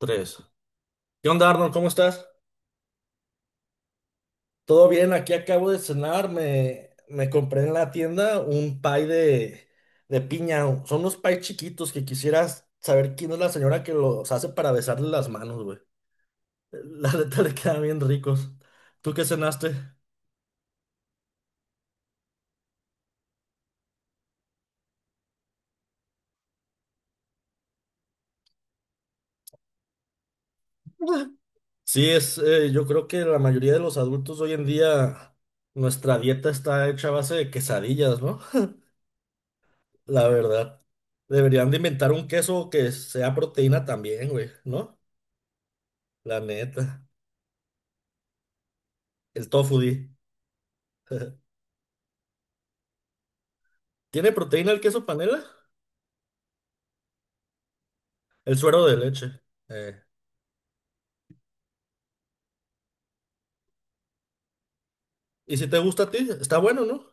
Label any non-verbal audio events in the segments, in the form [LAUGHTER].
Tres. ¿Qué onda, Arnold? ¿Cómo estás? Todo bien, aquí acabo de cenar, me compré en la tienda un pie de piña. Son unos pies chiquitos que quisieras saber quién es la señora que los hace para besarle las manos, güey. [LAUGHS] La neta le quedan bien ricos. ¿Tú qué cenaste? Sí, yo creo que la mayoría de los adultos hoy en día, nuestra dieta está hecha a base de quesadillas, ¿no? La verdad. Deberían de inventar un queso que sea proteína también, güey, ¿no? La neta. El tofu di. [LAUGHS] ¿Tiene proteína el queso panela? El suero de leche. Eh, ¿Y si te gusta a ti? Está bueno, ¿no?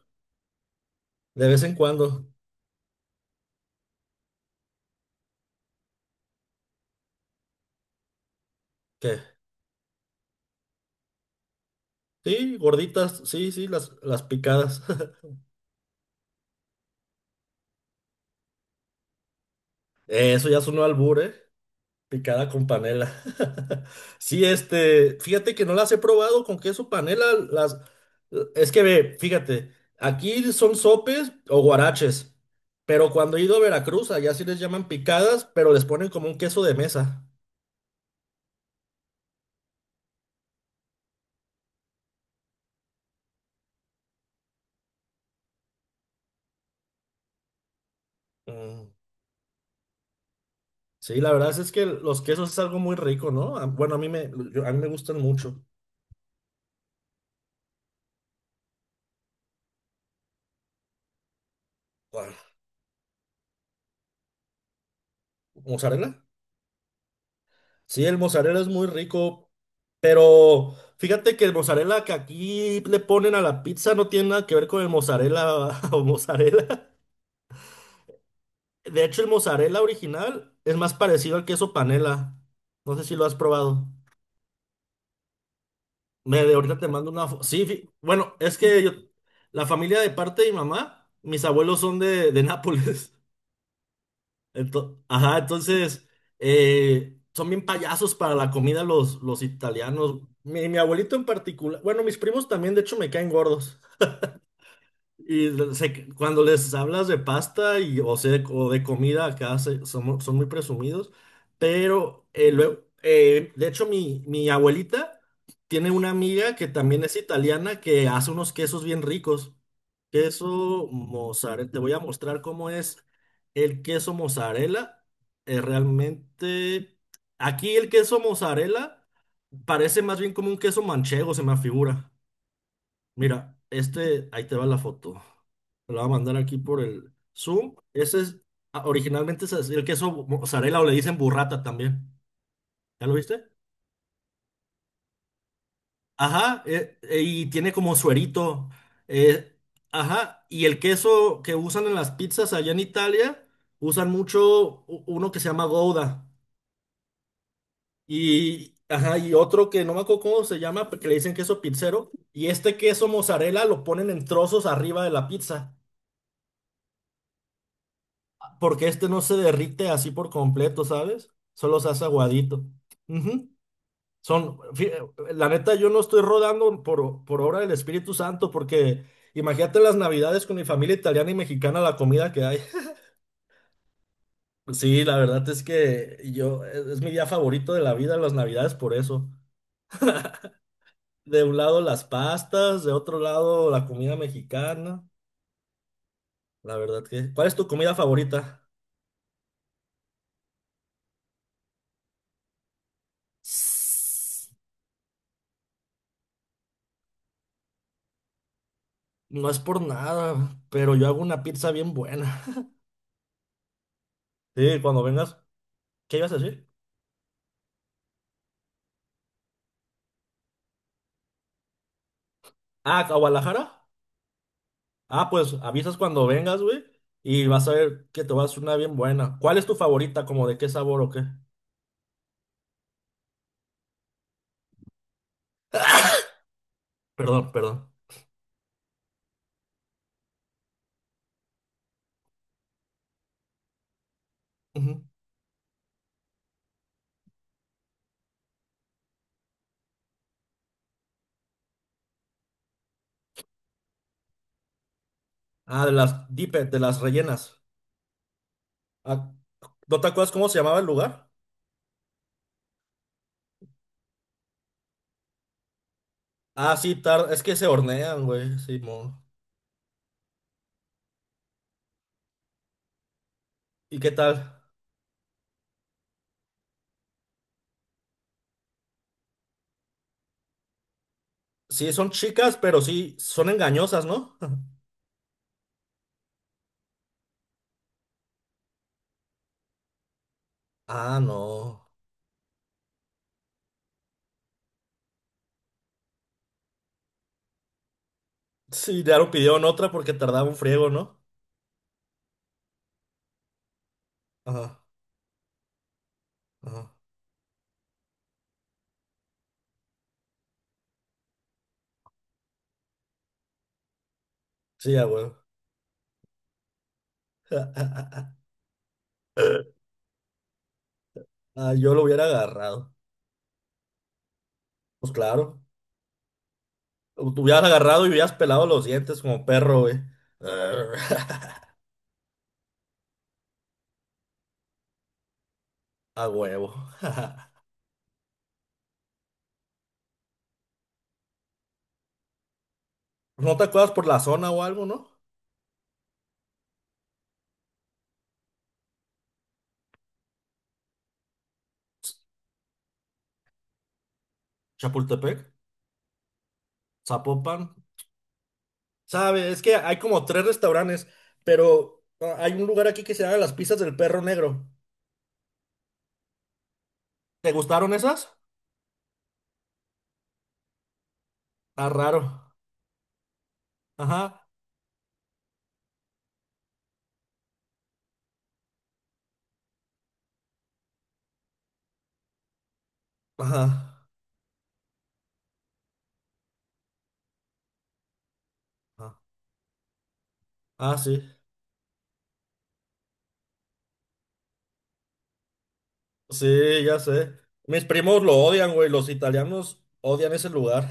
De vez en cuando. ¿Qué? Sí, gorditas. Sí, sí, las picadas. [LAUGHS] Eso ya es un albur, ¿eh? Picada con panela. [LAUGHS] Sí, este, fíjate que no las he probado con queso panela. Las, es que ve, fíjate, aquí son sopes o guaraches, pero cuando he ido a Veracruz, allá sí les llaman picadas, pero les ponen como un queso de mesa. Mm. Sí, la verdad es que los quesos es algo muy rico, ¿no? Bueno, a mí me gustan mucho. Ah, ¿mozzarella? Sí, el mozzarella es muy rico, pero fíjate que el mozzarella que aquí le ponen a la pizza no tiene nada que ver con el mozzarella [LAUGHS] o mozzarella. De hecho, el mozzarella original es más parecido al queso panela. No sé si lo has probado. De ahorita te mando una... Sí, bueno, es que la familia de parte de mi mamá, mis abuelos son de Nápoles. [LAUGHS] Ajá, entonces son bien payasos para la comida los italianos. Mi abuelito en particular, bueno, mis primos también, de hecho, me caen gordos. Y cuando les hablas de pasta y, o sea, o de comida, son, son muy presumidos. Pero luego, de hecho, mi abuelita tiene una amiga que también es italiana que hace unos quesos bien ricos. Queso mozzarella. Te voy a mostrar cómo es el queso mozzarella. Realmente, aquí el queso mozzarella parece más bien como un queso manchego, se me figura. Mira, este, ahí te va la foto. Te la voy a mandar aquí por el Zoom. Originalmente es el queso mozzarella o le dicen burrata también. ¿Ya lo viste? Ajá, y tiene como suerito. eh, ajá, y el queso que usan en las pizzas allá en Italia, usan mucho uno que se llama Gouda. Y, ajá, y otro que no me acuerdo cómo se llama, que le dicen queso pizzero. Y este queso mozzarella lo ponen en trozos arriba de la pizza, porque este no se derrite así por completo, ¿sabes? Solo se hace aguadito. Ujú. La neta, yo no estoy rodando por obra del Espíritu Santo, porque imagínate las navidades con mi familia italiana y mexicana, la comida que hay. [LAUGHS] Sí, la verdad es que yo, es mi día favorito de la vida, las navidades, por eso. De un lado las pastas, de otro lado la comida mexicana. La verdad que, ¿cuál es tu comida favorita? Sss, No es por nada, pero yo hago una pizza bien buena. Sí, cuando vengas, ¿qué ibas a decir? Ah, ¿a Guadalajara? Ah, pues avisas cuando vengas, güey, y vas a ver que te vas a hacer una bien buena. ¿Cuál es tu favorita? ¿Como de qué sabor o qué? Perdón, perdón. Ujú. Ah, de las rellenas. Ah, ¿no te acuerdas cómo se llamaba el lugar? Ah, sí, es que se hornean, güey, sí, mo. ¿Y qué tal? Sí, son chicas, pero sí, son engañosas, ¿no? [LAUGHS] Ah, no. Sí, claro, pidieron otra porque tardaba un friego, ¿no? Ajá, ajá. Sí, a huevo. [LAUGHS] Ah, yo lo hubiera agarrado. Pues claro. Lo hubieras agarrado y hubieras pelado los dientes como perro, güey. Arr. [LAUGHS] A huevo. [LAUGHS] ¿No te acuerdas por la zona o algo, no? Chapultepec, Zapopan. Sabe, es que hay como tres restaurantes, pero hay un lugar aquí que se llama Las Pizzas del Perro Negro. ¿Te gustaron esas? Ah, raro. Ajá. Ajá. Ah, ah, sí. Sí, ya sé. Mis primos lo odian, güey. Los italianos odian ese lugar.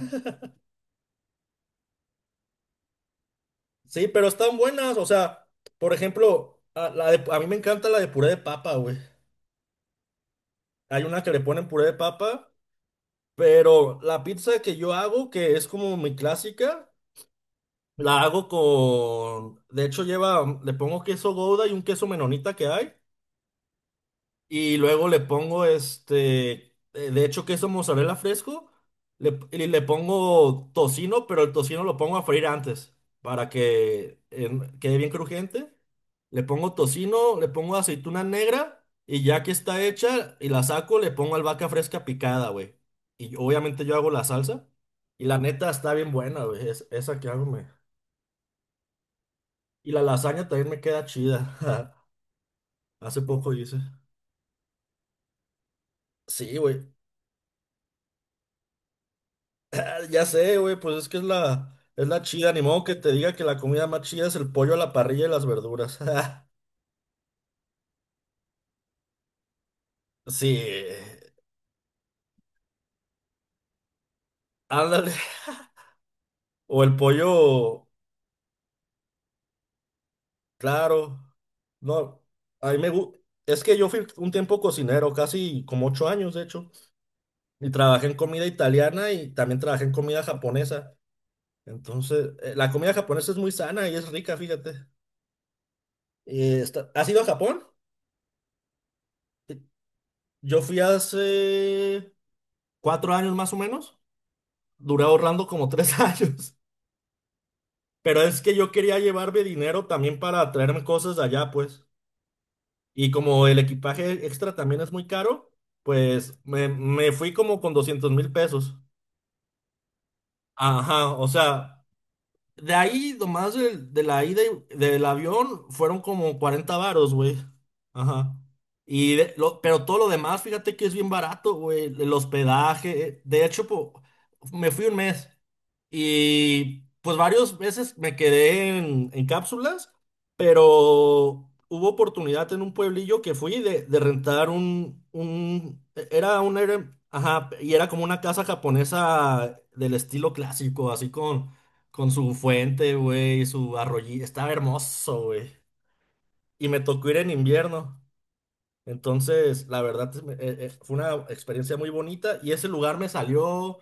Sí, pero están buenas. O sea, por ejemplo, a mí me encanta la de puré de papa, güey. Hay una que le ponen puré de papa, pero la pizza que yo hago, que es como mi clásica, la hago con... De hecho, lleva, le pongo queso Gouda y un queso menonita que hay. Y luego le pongo este, de hecho, queso mozzarella fresco. Y le pongo tocino, pero el tocino lo pongo a freír antes para que quede bien crujiente. Le pongo tocino, le pongo aceituna negra y ya que está hecha y la saco, le pongo albahaca fresca picada, güey. Obviamente yo hago la salsa y la neta está bien buena, güey. Esa que hago, me. Y la lasaña también me queda chida. [LAUGHS] Hace poco hice. Sí, güey. Ah, ya sé, güey, pues es que es la, chida, ni modo que te diga que la comida más chida es el pollo a la parrilla y las verduras. [LAUGHS] Sí, ándale. [LAUGHS] O el pollo, claro. No, a mí me gusta. Es que yo fui un tiempo cocinero, casi como 8 años, de hecho, y trabajé en comida italiana y también trabajé en comida japonesa. Entonces, la comida japonesa es muy sana y es rica, fíjate. ¿Has ido a Japón? Yo fui hace 4 años más o menos. Duré ahorrando como tres [LAUGHS] años. Pero es que yo quería llevarme dinero también para traerme cosas de allá, pues. Y como el equipaje extra también es muy caro, pues me fui como con 200.000 pesos. Ajá, o sea, de ahí nomás de la ida del avión fueron como 40 varos, güey. Ajá. Pero todo lo demás, fíjate que es bien barato, güey. El hospedaje. De hecho, me fui un mes. Y pues varias veces me quedé en cápsulas, pero hubo oportunidad en un pueblillo que fui de rentar un, e-, era un, era- ajá, y era como una casa japonesa del estilo clásico, así con su fuente, güey, su arroyito, estaba hermoso, güey. Y me tocó ir en invierno. Entonces, la verdad, fue una experiencia muy bonita y ese lugar me salió.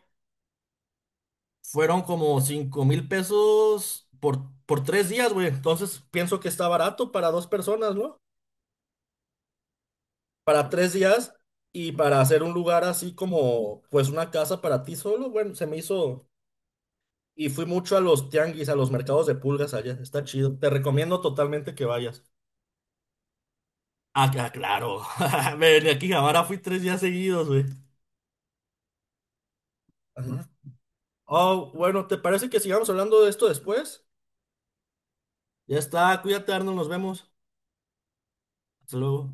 Fueron como 5.000 pesos por 3 días, güey. Entonces pienso que está barato para dos personas, ¿no? Para 3 días y para hacer un lugar así como, pues una casa para ti solo, bueno, se me hizo. Y fui mucho a los tianguis, a los mercados de pulgas allá. Está chido. Te recomiendo totalmente que vayas. Ah, claro. [LAUGHS] Ven aquí, ahora fui 3 días seguidos, güey. Ajá. Oh, bueno, ¿te parece que sigamos hablando de esto después? Ya está, cuídate, Arnold, nos vemos. Hasta luego.